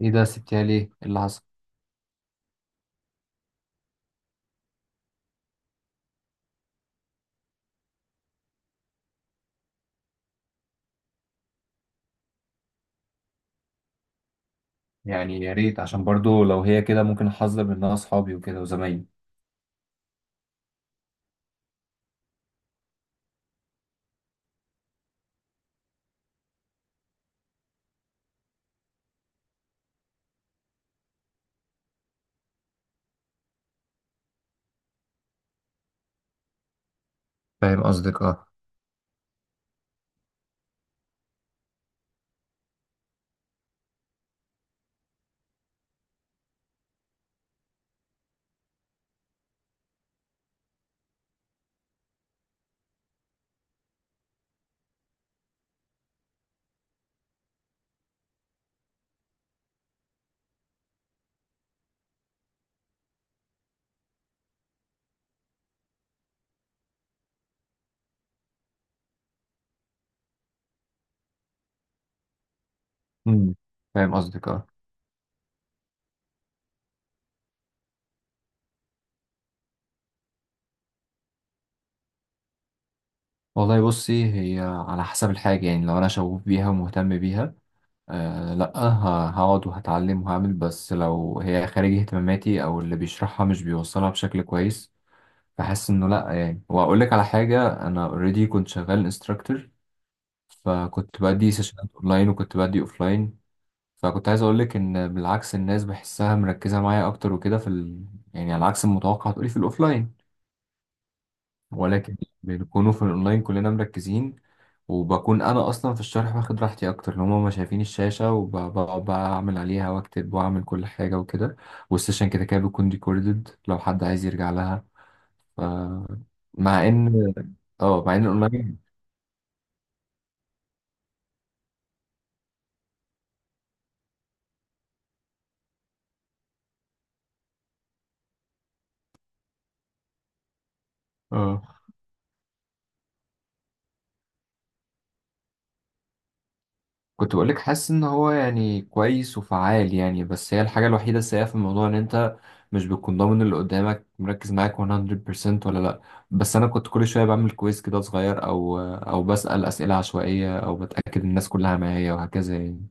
ايه ده سبتيها ليه؟ إيه اللي حصل؟ يعني يا ريت، عشان برضو لو هي كده ممكن احذر منها اصحابي وكده وزمايلي. فاهم قصدك، اه. امم. فاهم قصدك، اه. والله بصي، هي على حسب الحاجة. يعني لو أنا شغوف بيها ومهتم بيها، لأ، هقعد وهتعلم وهعمل. بس لو هي خارج اهتماماتي أو اللي بيشرحها مش بيوصلها بشكل كويس، بحس إنه لأ. يعني وأقول لك على حاجة، أنا أوريدي كنت شغال انستراكتور، فكنت بدي سيشنات أونلاين وكنت بدي أوفلاين، فكنت عايز اقول لك ان بالعكس الناس بحسها مركزه معايا اكتر وكده في ال... يعني على عكس المتوقع هتقولي في الاوفلاين، ولكن بنكونوا في الاونلاين كلنا مركزين، وبكون انا اصلا في الشرح واخد راحتي اكتر ان هما ما شايفين الشاشه، وبقعد بقى اعمل عليها واكتب واعمل كل حاجه وكده. والسيشن كده كده بيكون ريكوردد لو حد عايز يرجع لها. ف... مع ان، اه، مع ان الاونلاين، اه، كنت بقولك حاسس ان هو يعني كويس وفعال يعني. بس هي الحاجة الوحيدة السيئة في الموضوع ان انت مش بتكون ضامن اللي قدامك مركز معاك 100% ولا لا. بس انا كنت كل شوية بعمل كويس كده صغير او بسأل اسئلة عشوائية او بتأكد الناس كلها معايا وهكذا يعني.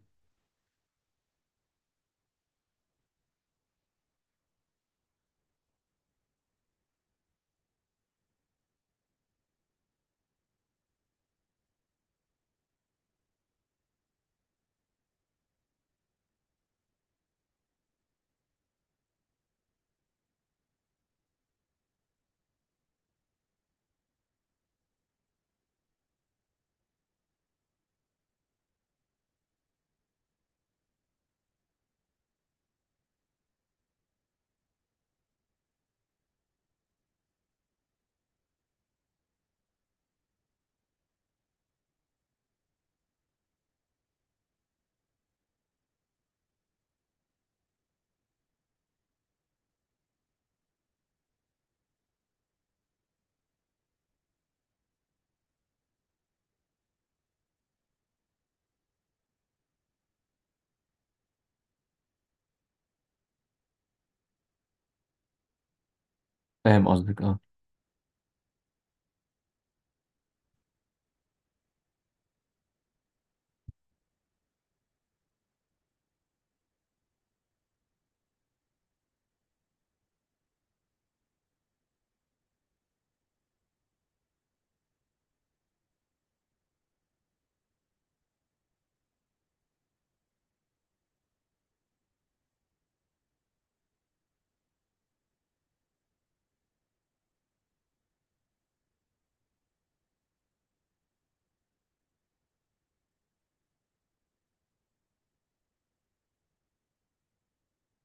فاهم قصدك، اه.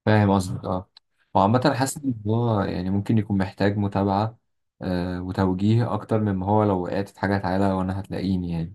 فاهم قصدك، اه. وعامة حاسس ان هو يعني ممكن يكون محتاج متابعة وتوجيه اكتر مما هو. لو وقعت في حاجة تعالى وانا هتلاقيني يعني.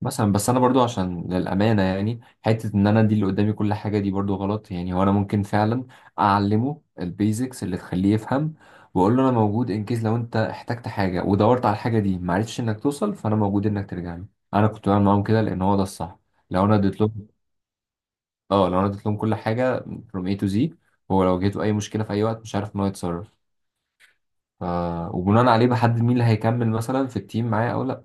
مثلا بس انا برضو، عشان للامانه يعني، حته ان انا ادي اللي قدامي كل حاجه دي برضو غلط يعني. هو انا ممكن فعلا اعلمه البيزكس اللي تخليه يفهم، واقول له انا موجود ان كيس لو انت احتجت حاجه ودورت على الحاجه دي ما عرفتش انك توصل، فانا موجود انك ترجع لي. انا كنت بعمل معاهم كده لان هو ده الصح. لو انا اديت لهم، اه، لو انا اديت لهم كل حاجه from A to Z، هو لو جيته اي مشكله في اي وقت مش عارف ان هو يتصرف. ف... وبناء عليه بحدد مين اللي هيكمل مثلا في التيم معايا او لا.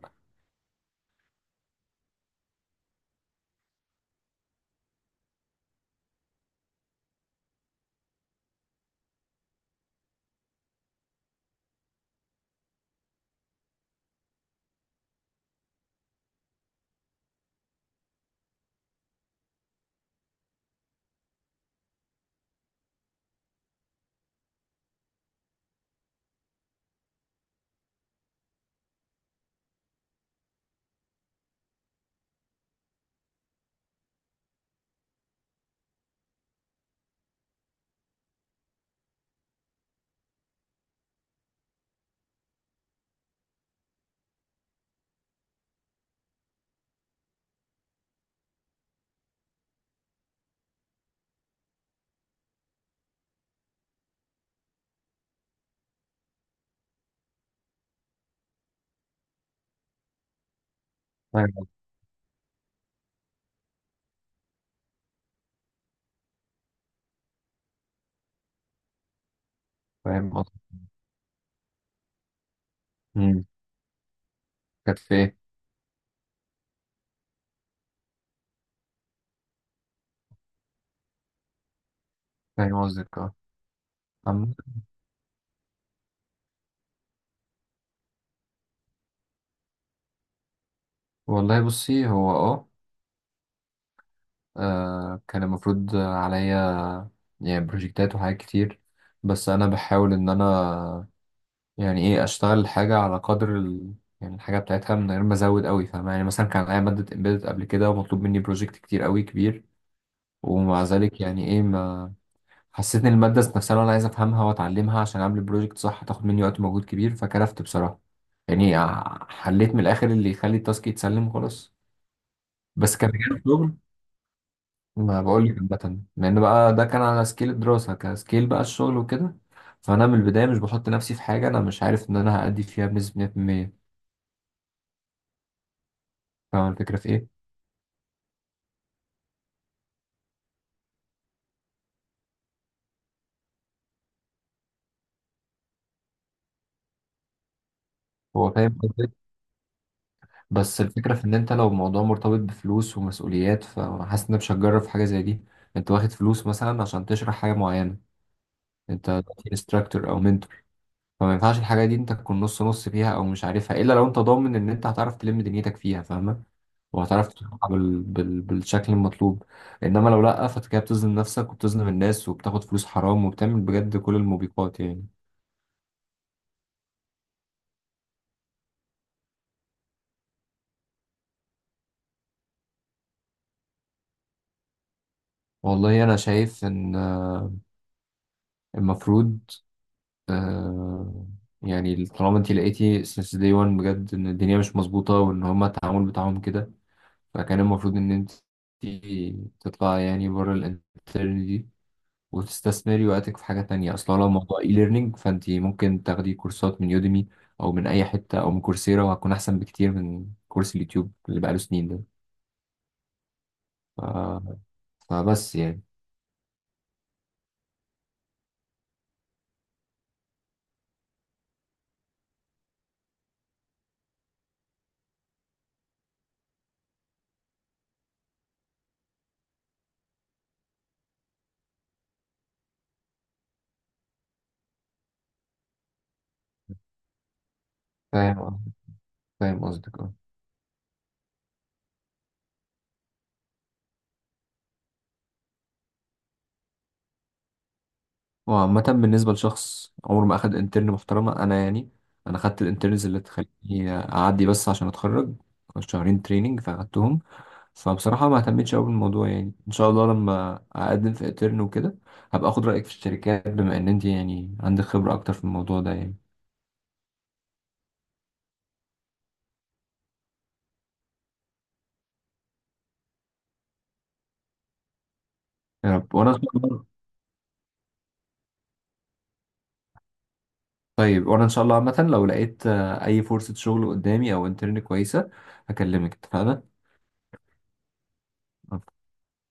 فاهم، فاهم قصدي. مم. كانت في ايه؟ فاهم قصدك، اه. عم- والله بصي، هو اه، كان المفروض عليا يعني بروجكتات وحاجات كتير، بس انا بحاول ان انا يعني ايه اشتغل حاجه على قدر ال... يعني الحاجه بتاعتها من غير ما ازود قوي. فاهم يعني؟ مثلا كان عليا ماده امبيدد قبل كده ومطلوب مني بروجكت كتير قوي كبير، ومع ذلك يعني ايه، ما حسيت ان الماده ذات نفسها انا عايز افهمها واتعلمها عشان اعمل بروجكت صح، هتاخد مني وقت ومجهود كبير، فكرفت بصراحه. يعني حليت من الاخر اللي يخلي التاسك يتسلم خلاص. بس كان، ما بقول لك عامة، لأن بقى ده كان على سكيل الدراسة، كسكيل بقى الشغل وكده. فأنا من البداية مش بحط نفسي في حاجة أنا مش عارف إن أنا هأدي فيها بنسبة 100%. فاهم الفكرة في إيه؟ هو فاهم قصدك. بس الفكرة في إن أنت لو الموضوع مرتبط بفلوس ومسؤوليات، فحاسس إن أنا مش هتجرب في حاجة زي دي. أنت واخد فلوس مثلا عشان تشرح حاجة معينة، أنت انستراكتور أو منتور، فما ينفعش الحاجة دي أنت تكون نص نص فيها أو مش عارفها، إلا لو أنت ضامن إن أنت هتعرف تلم دنيتك فيها. فاهمة؟ وهتعرف تطلع بال... بال... بالشكل المطلوب. انما لو لا، فانت كده بتظلم نفسك وبتظلم الناس وبتاخد فلوس حرام وبتعمل بجد كل الموبقات يعني. والله انا شايف ان المفروض، آه يعني طالما انت لقيتي since day one بجد ان الدنيا مش مظبوطة وان هما التعامل بتاعهم كده، فكان المفروض ان انت تطلع يعني بره الانترنت دي، وتستثمري وقتك في حاجة تانية. أصلا لو موضوع اي ليرنينج، فأنت ممكن تاخدي كورسات من يوديمي أو من أي حتة أو من كورسيرا، وهتكون أحسن بكتير من كورس اليوتيوب اللي بقاله سنين ده. ف... فبس يعني. فاهم. فاهم قصدك، اه. وعامة بالنسبة لشخص عمره ما أخد انترن محترمة، أنا يعني، أنا خدت الانترنز اللي تخليني أعدي بس عشان أتخرج، 2 شهرين تريننج فأخدتهم، فبصراحة ما اهتمتش قوي بالموضوع. يعني ان شاء الله لما اقدم في اترن وكده، هبقى اخد رأيك في الشركات، بما ان انت يعني عندك خبرة اكتر في الموضوع ده يعني. يا رب، وانا ان شاء الله. طيب وانا ان شاء الله عامة لو لقيت، اي فرصة شغل قدامي او انترن كويسة، هكلمك. اتفقنا؟